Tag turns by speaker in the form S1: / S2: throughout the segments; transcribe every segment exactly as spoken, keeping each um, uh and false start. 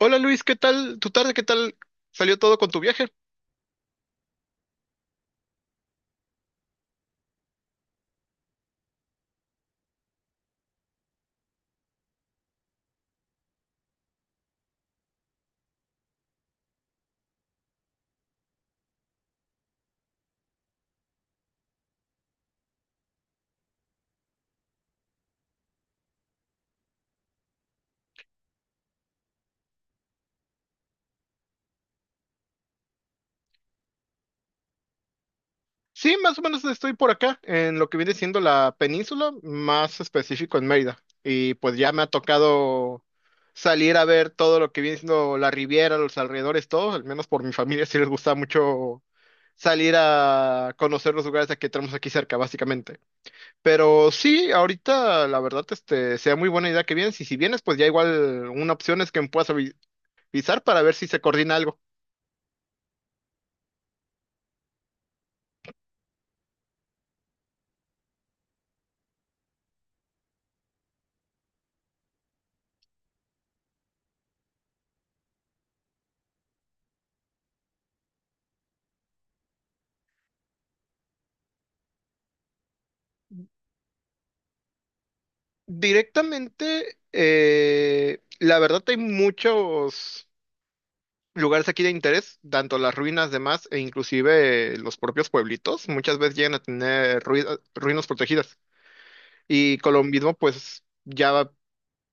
S1: Hola Luis, ¿qué tal tu tarde? ¿Qué tal salió todo con tu viaje? Sí, más o menos estoy por acá, en lo que viene siendo la península, más específico en Mérida. Y pues ya me ha tocado salir a ver todo lo que viene siendo la Riviera, los alrededores, todo. Al menos por mi familia sí les gusta mucho salir a conocer los lugares que tenemos aquí cerca, básicamente. Pero sí, ahorita la verdad, este, sea muy buena idea que vienes, y si vienes, pues ya igual una opción es que me puedas avi- avisar para ver si se coordina algo. Directamente, eh, la verdad hay muchos lugares aquí de interés, tanto las ruinas demás e inclusive eh, los propios pueblitos, muchas veces llegan a tener rui- ruinas protegidas. Y con lo mismo, pues ya,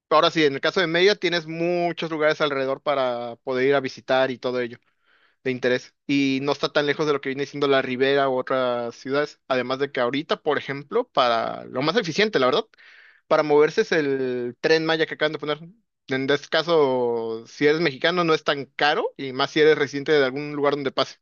S1: ahora sí, en el caso de Mérida tienes muchos lugares alrededor para poder ir a visitar y todo ello de interés, y no está tan lejos de lo que viene siendo la Ribera u otras ciudades. Además de que ahorita, por ejemplo, para lo más eficiente, la verdad, para moverse es el Tren Maya que acaban de poner. En este caso, si eres mexicano, no es tan caro, y más si eres residente de algún lugar donde pase.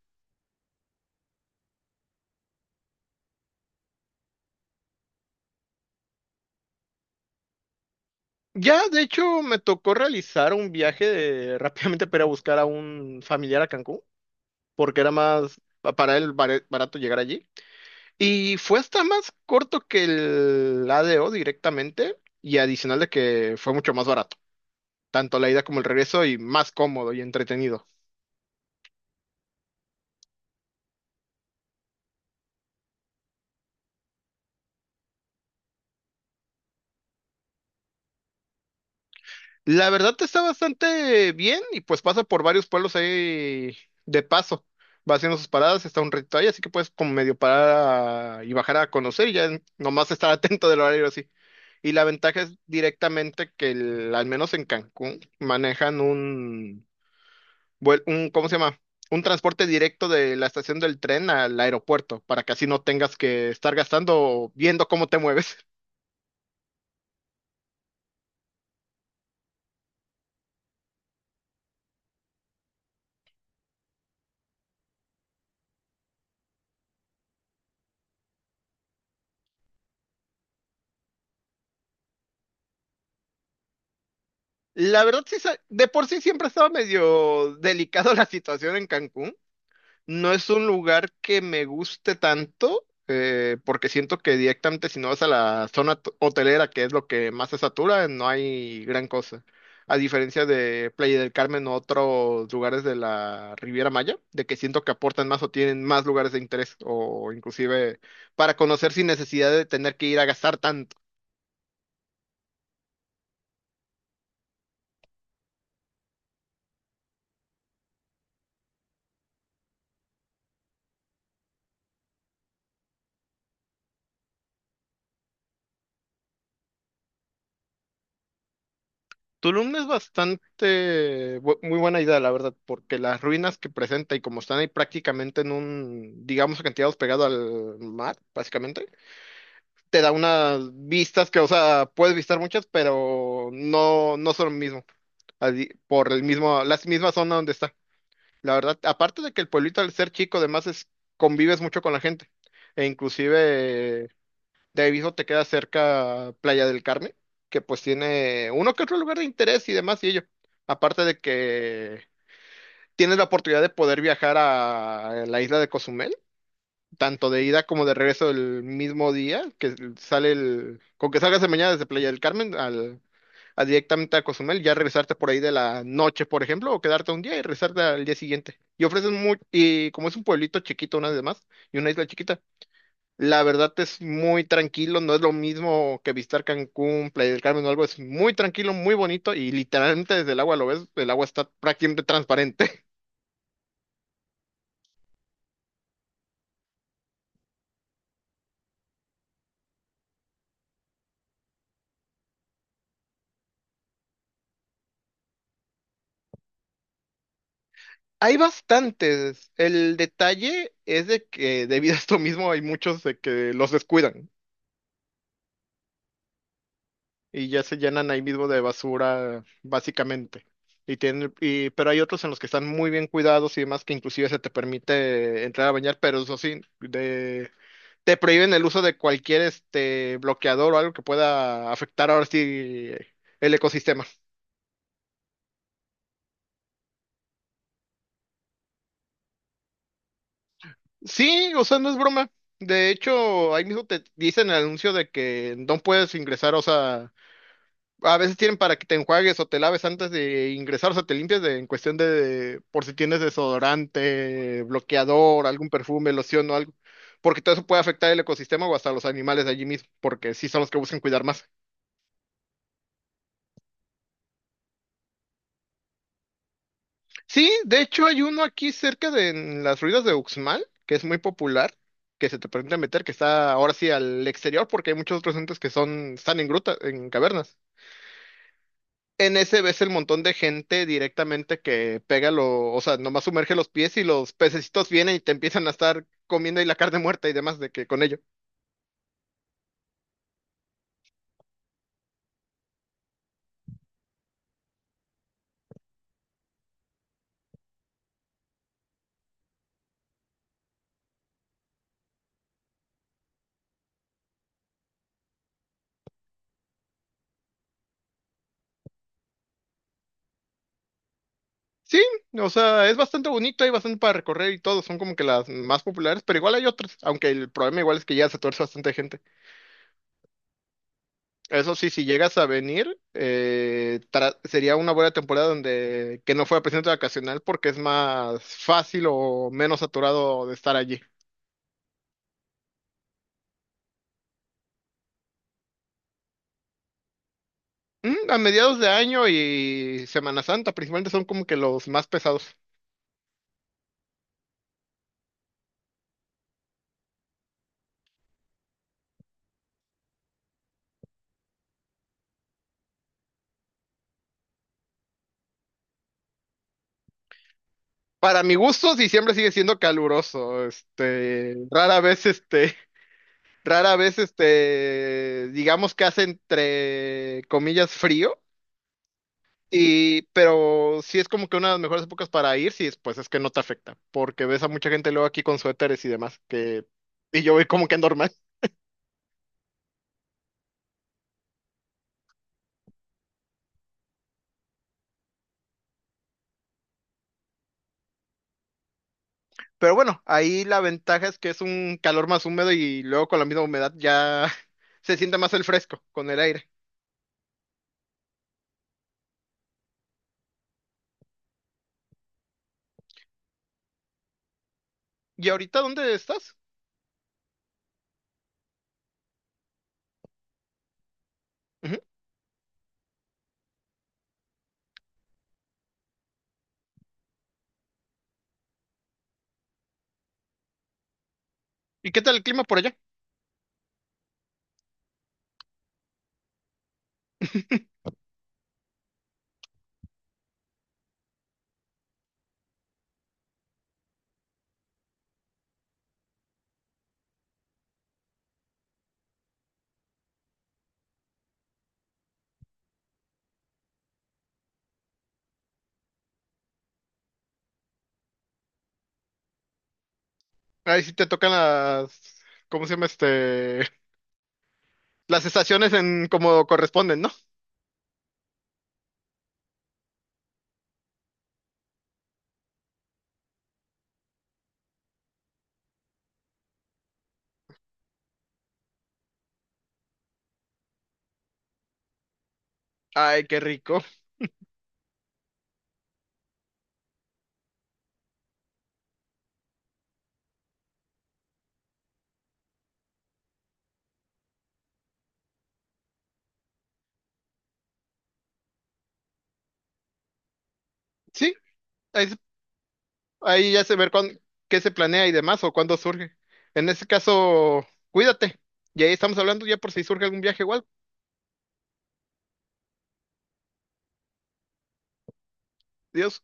S1: Ya, de hecho, me tocó realizar un viaje de- rápidamente para ir a buscar a un familiar a Cancún, porque era más pa- para él bare- barato llegar allí. Y fue hasta más corto que el A D O directamente, y adicional de que fue mucho más barato, tanto la ida como el regreso, y más cómodo y entretenido. La verdad está bastante bien, y pues pasa por varios pueblos ahí de paso. Va haciendo sus paradas, está un ratito ahí, así que puedes como medio parar a- y bajar a conocer, y ya nomás estar atento del horario así. Y la ventaja es directamente que el- al menos en Cancún manejan vuel- un, ¿cómo se llama? Un transporte directo de la estación del tren al aeropuerto, para que así no tengas que estar gastando o viendo cómo te mueves. La verdad, sí, sa- de por sí siempre estaba medio delicado la situación en Cancún. No es un lugar que me guste tanto, eh, porque siento que directamente si no vas a la zona t- hotelera, que es lo que más se satura, no hay gran cosa. A diferencia de Playa del Carmen o otros lugares de la Riviera Maya, de que siento que aportan más o tienen más lugares de interés, o inclusive para conocer sin necesidad de tener que ir a gastar. Tulum es bastante bu- muy buena idea, la verdad, porque las ruinas que presenta y como están ahí prácticamente en un, digamos, acantilados pegado al mar, básicamente, te da unas vistas que, o sea, puedes visitar muchas, pero no, no son lo mismo, así, por el mismo, la misma zona donde está. La verdad, aparte de que el pueblito al ser chico, además es, convives mucho con la gente, e inclusive de Aviso te queda cerca Playa del Carmen, que pues tiene uno que otro lugar de interés y demás y ello. Aparte de que tienes la oportunidad de poder viajar a la isla de Cozumel, tanto de ida como de regreso el mismo día, que sale el, con que salgas de mañana desde Playa del Carmen al, a directamente a Cozumel, ya regresarte por ahí de la noche, por ejemplo, o quedarte un día y regresarte al día siguiente. Y ofrecen muy, y como es un pueblito chiquito, una vez más, y una isla chiquita, la verdad es muy tranquilo, no es lo mismo que visitar Cancún, Playa del Carmen o algo, es muy tranquilo, muy bonito y literalmente desde el agua lo ves, el agua está prácticamente transparente. Hay bastantes, el detalle es de que debido a esto mismo hay muchos de que los descuidan y ya se llenan ahí mismo de basura, básicamente. Y tienen, y, pero hay otros en los que están muy bien cuidados y demás, que inclusive se te permite entrar a bañar, pero eso sí, de te prohíben el uso de cualquier este bloqueador o algo que pueda afectar ahora sí el ecosistema. Sí, o sea, no es broma. De hecho, ahí mismo te dicen el anuncio de que no puedes ingresar, o sea, a veces tienen para que te enjuagues o te laves antes de ingresar, o sea, te limpias de- en cuestión de por si tienes desodorante, bloqueador, algún perfume, loción o algo, porque todo eso puede afectar el ecosistema o hasta los animales de allí mismo, porque sí son los que buscan cuidar más. Sí, de hecho hay uno aquí cerca de en las ruinas de Uxmal, que es muy popular, que se te permite meter, que está ahora sí al exterior, porque hay muchos otros entes que son, están en grutas, en cavernas. En ese ves el montón de gente directamente que pega lo, o sea, nomás sumerge los pies y los pececitos vienen y te empiezan a estar comiendo y la carne muerta y demás de que con ello. Sí, o sea, es bastante bonito, hay bastante para recorrer y todo, son como que las más populares, pero igual hay otras, aunque el problema igual es que ya se tuerce bastante gente. Eso sí, si llegas a venir, eh, tra- sería una buena temporada donde que no fuera presidente vacacional, porque es más fácil o menos saturado de estar allí. Mm, a mediados de año y Semana Santa principalmente son como que los más pesados. Para mi gusto, diciembre sigue siendo caluroso. Este, rara vez, este, rara vez, este, digamos que hace entre comillas frío. Y, pero sí es como que una de las mejores épocas para ir, si pues es que no te afecta, porque ves a mucha gente luego aquí con suéteres y demás, que, y yo voy como que normal. Pero bueno, ahí la ventaja es que es un calor más húmedo y luego con la misma humedad ya se siente más el fresco con el aire. ¿Y ahorita dónde estás? Ujú. ¿Y qué tal el clima por allá? Ahí sí te tocan las, ¿cómo se llama este? Las estaciones en como corresponden, ¿no? Ay, qué rico. Sí, ahí Ahí ya se ver cuán- qué se planea y demás o cuándo surge. En ese caso, cuídate. Y ahí estamos hablando ya por si surge algún viaje igual. Dios.